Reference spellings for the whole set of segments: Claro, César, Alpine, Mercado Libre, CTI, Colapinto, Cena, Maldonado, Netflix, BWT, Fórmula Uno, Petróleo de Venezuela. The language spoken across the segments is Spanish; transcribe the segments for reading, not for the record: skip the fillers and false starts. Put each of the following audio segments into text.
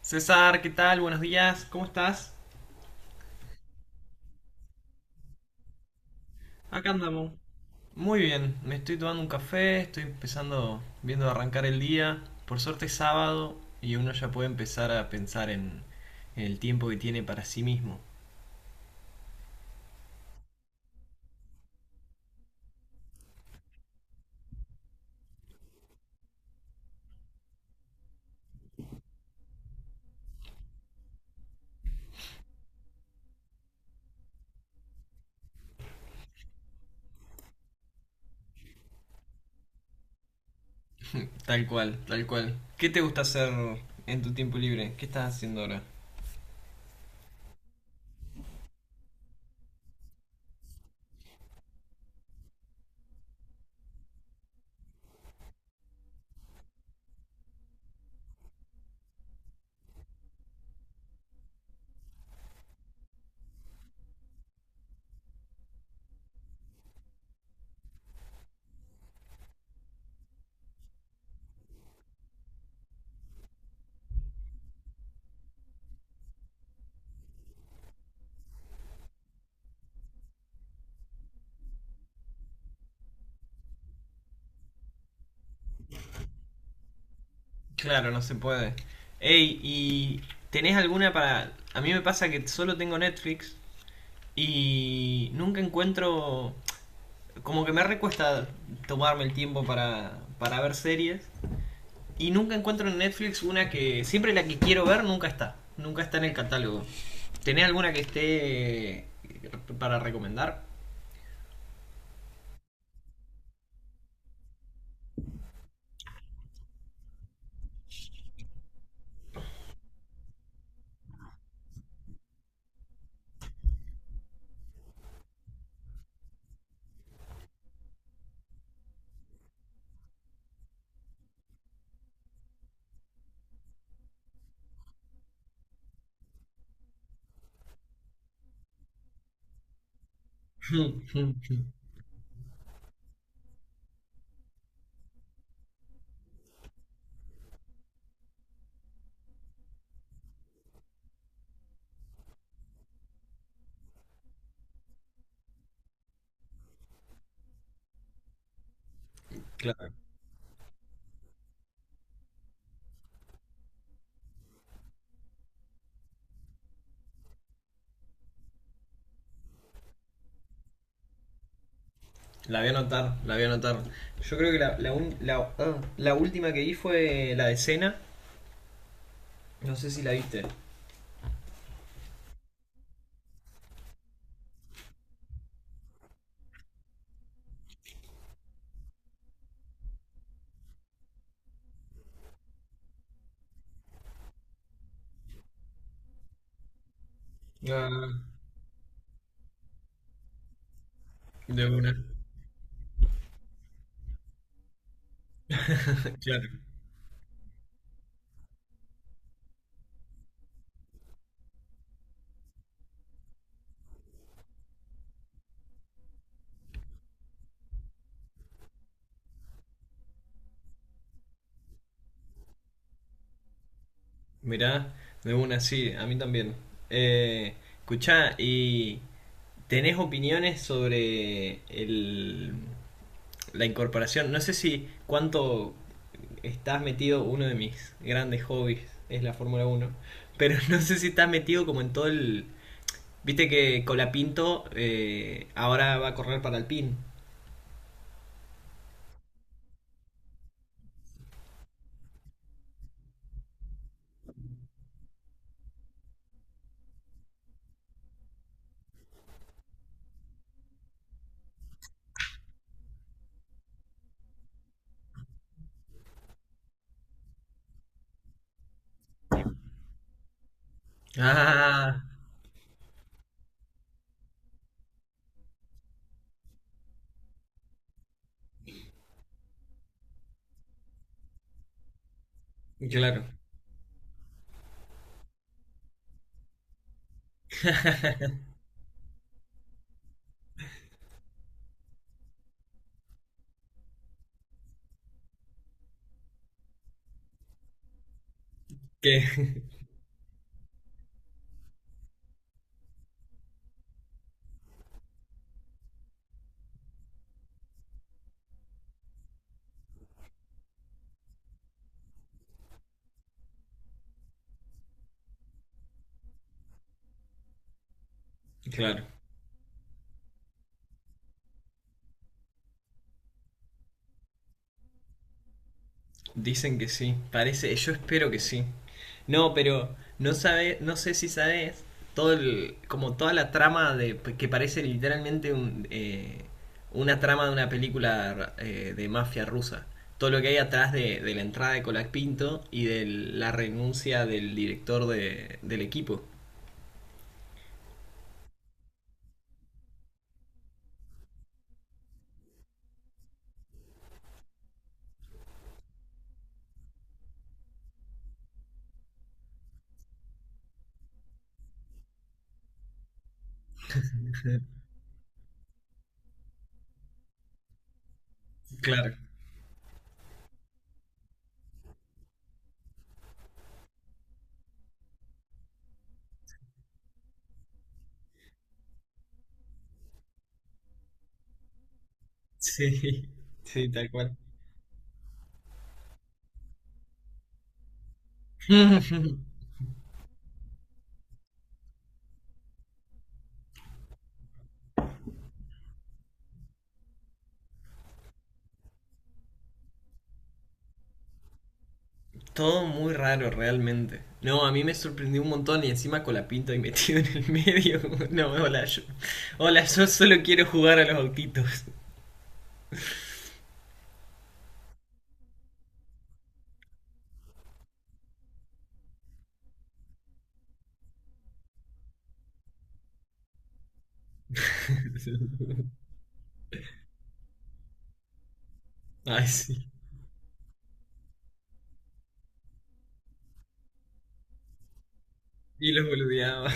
César, ¿qué tal? Buenos días, ¿cómo estás? Acá andamos. Muy bien, me estoy tomando un café, estoy empezando, viendo de arrancar el día. Por suerte es sábado y uno ya puede empezar a pensar en el tiempo que tiene para sí mismo. Tal cual, tal cual. ¿Qué te gusta hacer en tu tiempo libre? ¿Qué estás haciendo ahora? Claro, no se puede. Ey, ¿y tenés alguna para...? A mí me pasa que solo tengo Netflix y nunca encuentro. Como que me recuesta tomarme el tiempo para ver series. Y nunca encuentro en Netflix una que. Siempre la que quiero ver nunca está. Nunca está en el catálogo. ¿Tenés alguna que esté para recomendar? Claro. La voy a anotar, la voy a anotar. Yo creo que la última que vi fue la de Cena. No sé si la viste. Ah, de una. Claro. Mirá, de una, sí, a mí también. Eh, Escuchá, y ¿tenés opiniones sobre la incorporación? No sé si cuánto estás metido, uno de mis grandes hobbies es la Fórmula Uno, pero no sé si estás metido como en todo el... Viste que Colapinto ahora va a correr para Alpine. Ah, claro. Que, claro. Dicen que sí, parece, yo espero que sí. No, pero no sé si sabes todo el, como toda la trama de que parece literalmente una trama de una película de mafia rusa. Todo lo que hay atrás de la entrada de Colak Pinto y de la renuncia del director del equipo. Claro. Sí, sí, tal cual. Todo muy raro, realmente. No, a mí me sorprendió un montón y encima con la pinta y metido en el medio. No, hola, yo. Hola, yo solo quiero jugar a los autitos. Ay, sí. Y los boludeaba.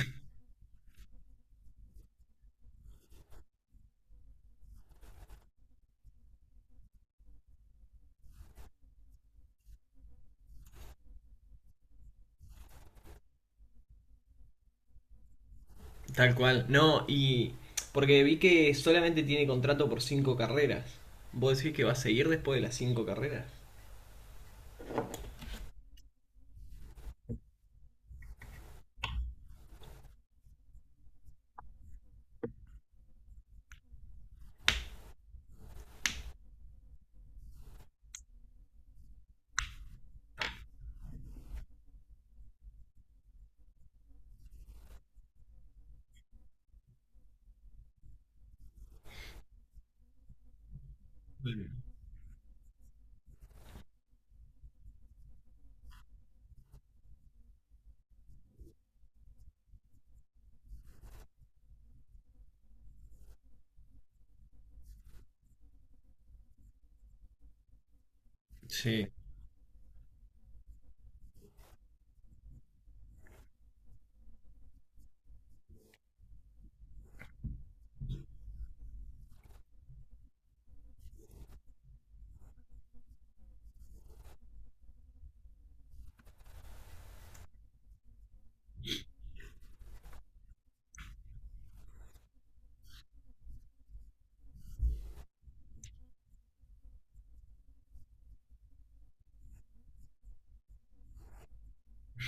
Tal cual. No, y. Porque vi que solamente tiene contrato por cinco carreras. ¿Vos decís que va a seguir después de las cinco carreras? Bueno. Sí.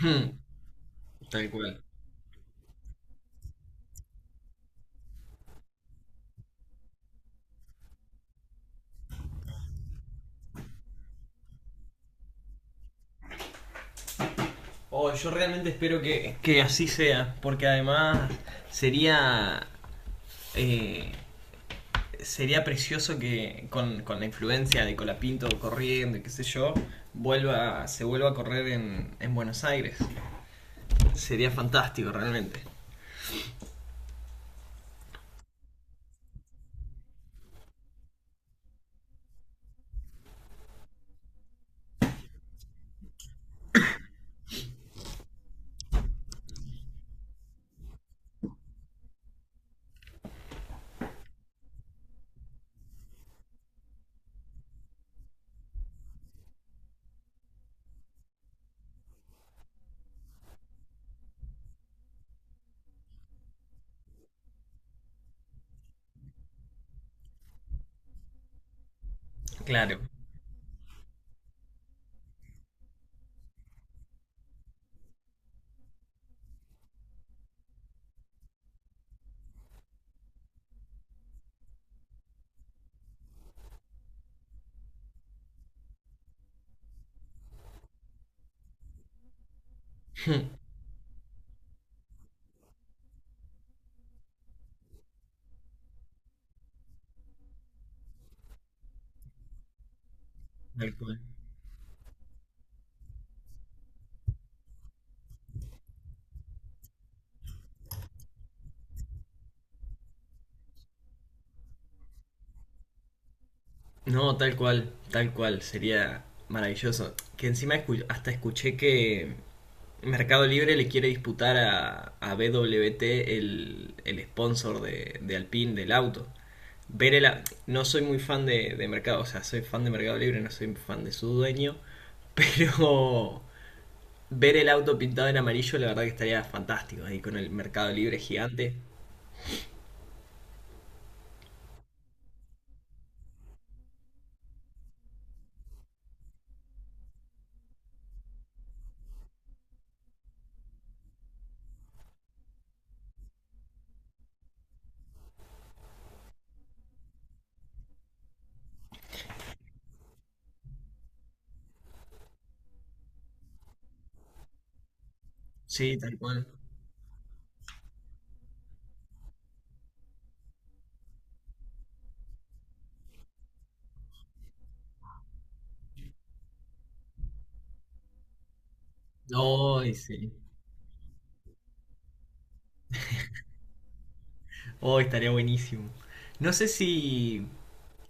Tal cual. Oh, yo realmente espero que así sea, porque además sería eh, sería precioso que con la influencia de Colapinto corriendo y qué sé yo, se vuelva a correr en Buenos Aires. Sería fantástico realmente. Claro, tal cual. No, tal cual, sería maravilloso. Que encima hasta escuché que Mercado Libre le quiere disputar a BWT el sponsor de Alpine del auto. Ver el, no soy muy fan de Mercado, o sea, soy fan de Mercado Libre, no soy fan de su dueño, pero ver el auto pintado en amarillo, la verdad que estaría fantástico ahí con el Mercado Libre gigante. Sí, tal cual. Hoy sí. Hoy estaría buenísimo. No sé si,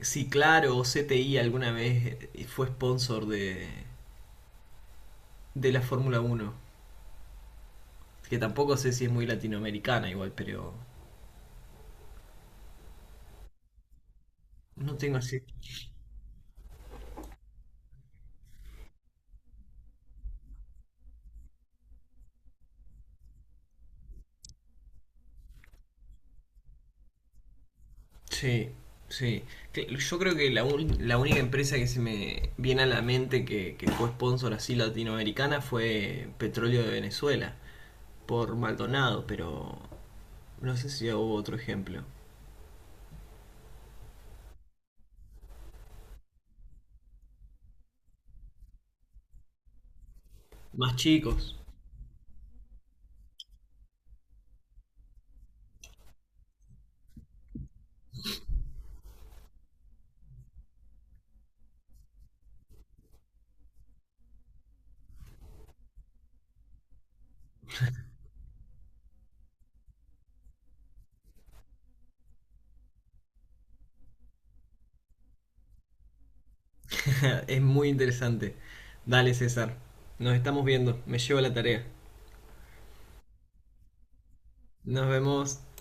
si Claro o CTI alguna vez fue sponsor de la Fórmula Uno. Que tampoco sé si es muy latinoamericana igual, pero no tengo así. Sí, sí. Yo creo que la única empresa que se me viene a la mente que fue sponsor así latinoamericana fue Petróleo de Venezuela, por Maldonado, pero no sé si hubo otro ejemplo. Más chicos. Es muy interesante. Dale, César. Nos estamos viendo. Me llevo la tarea. Nos vemos.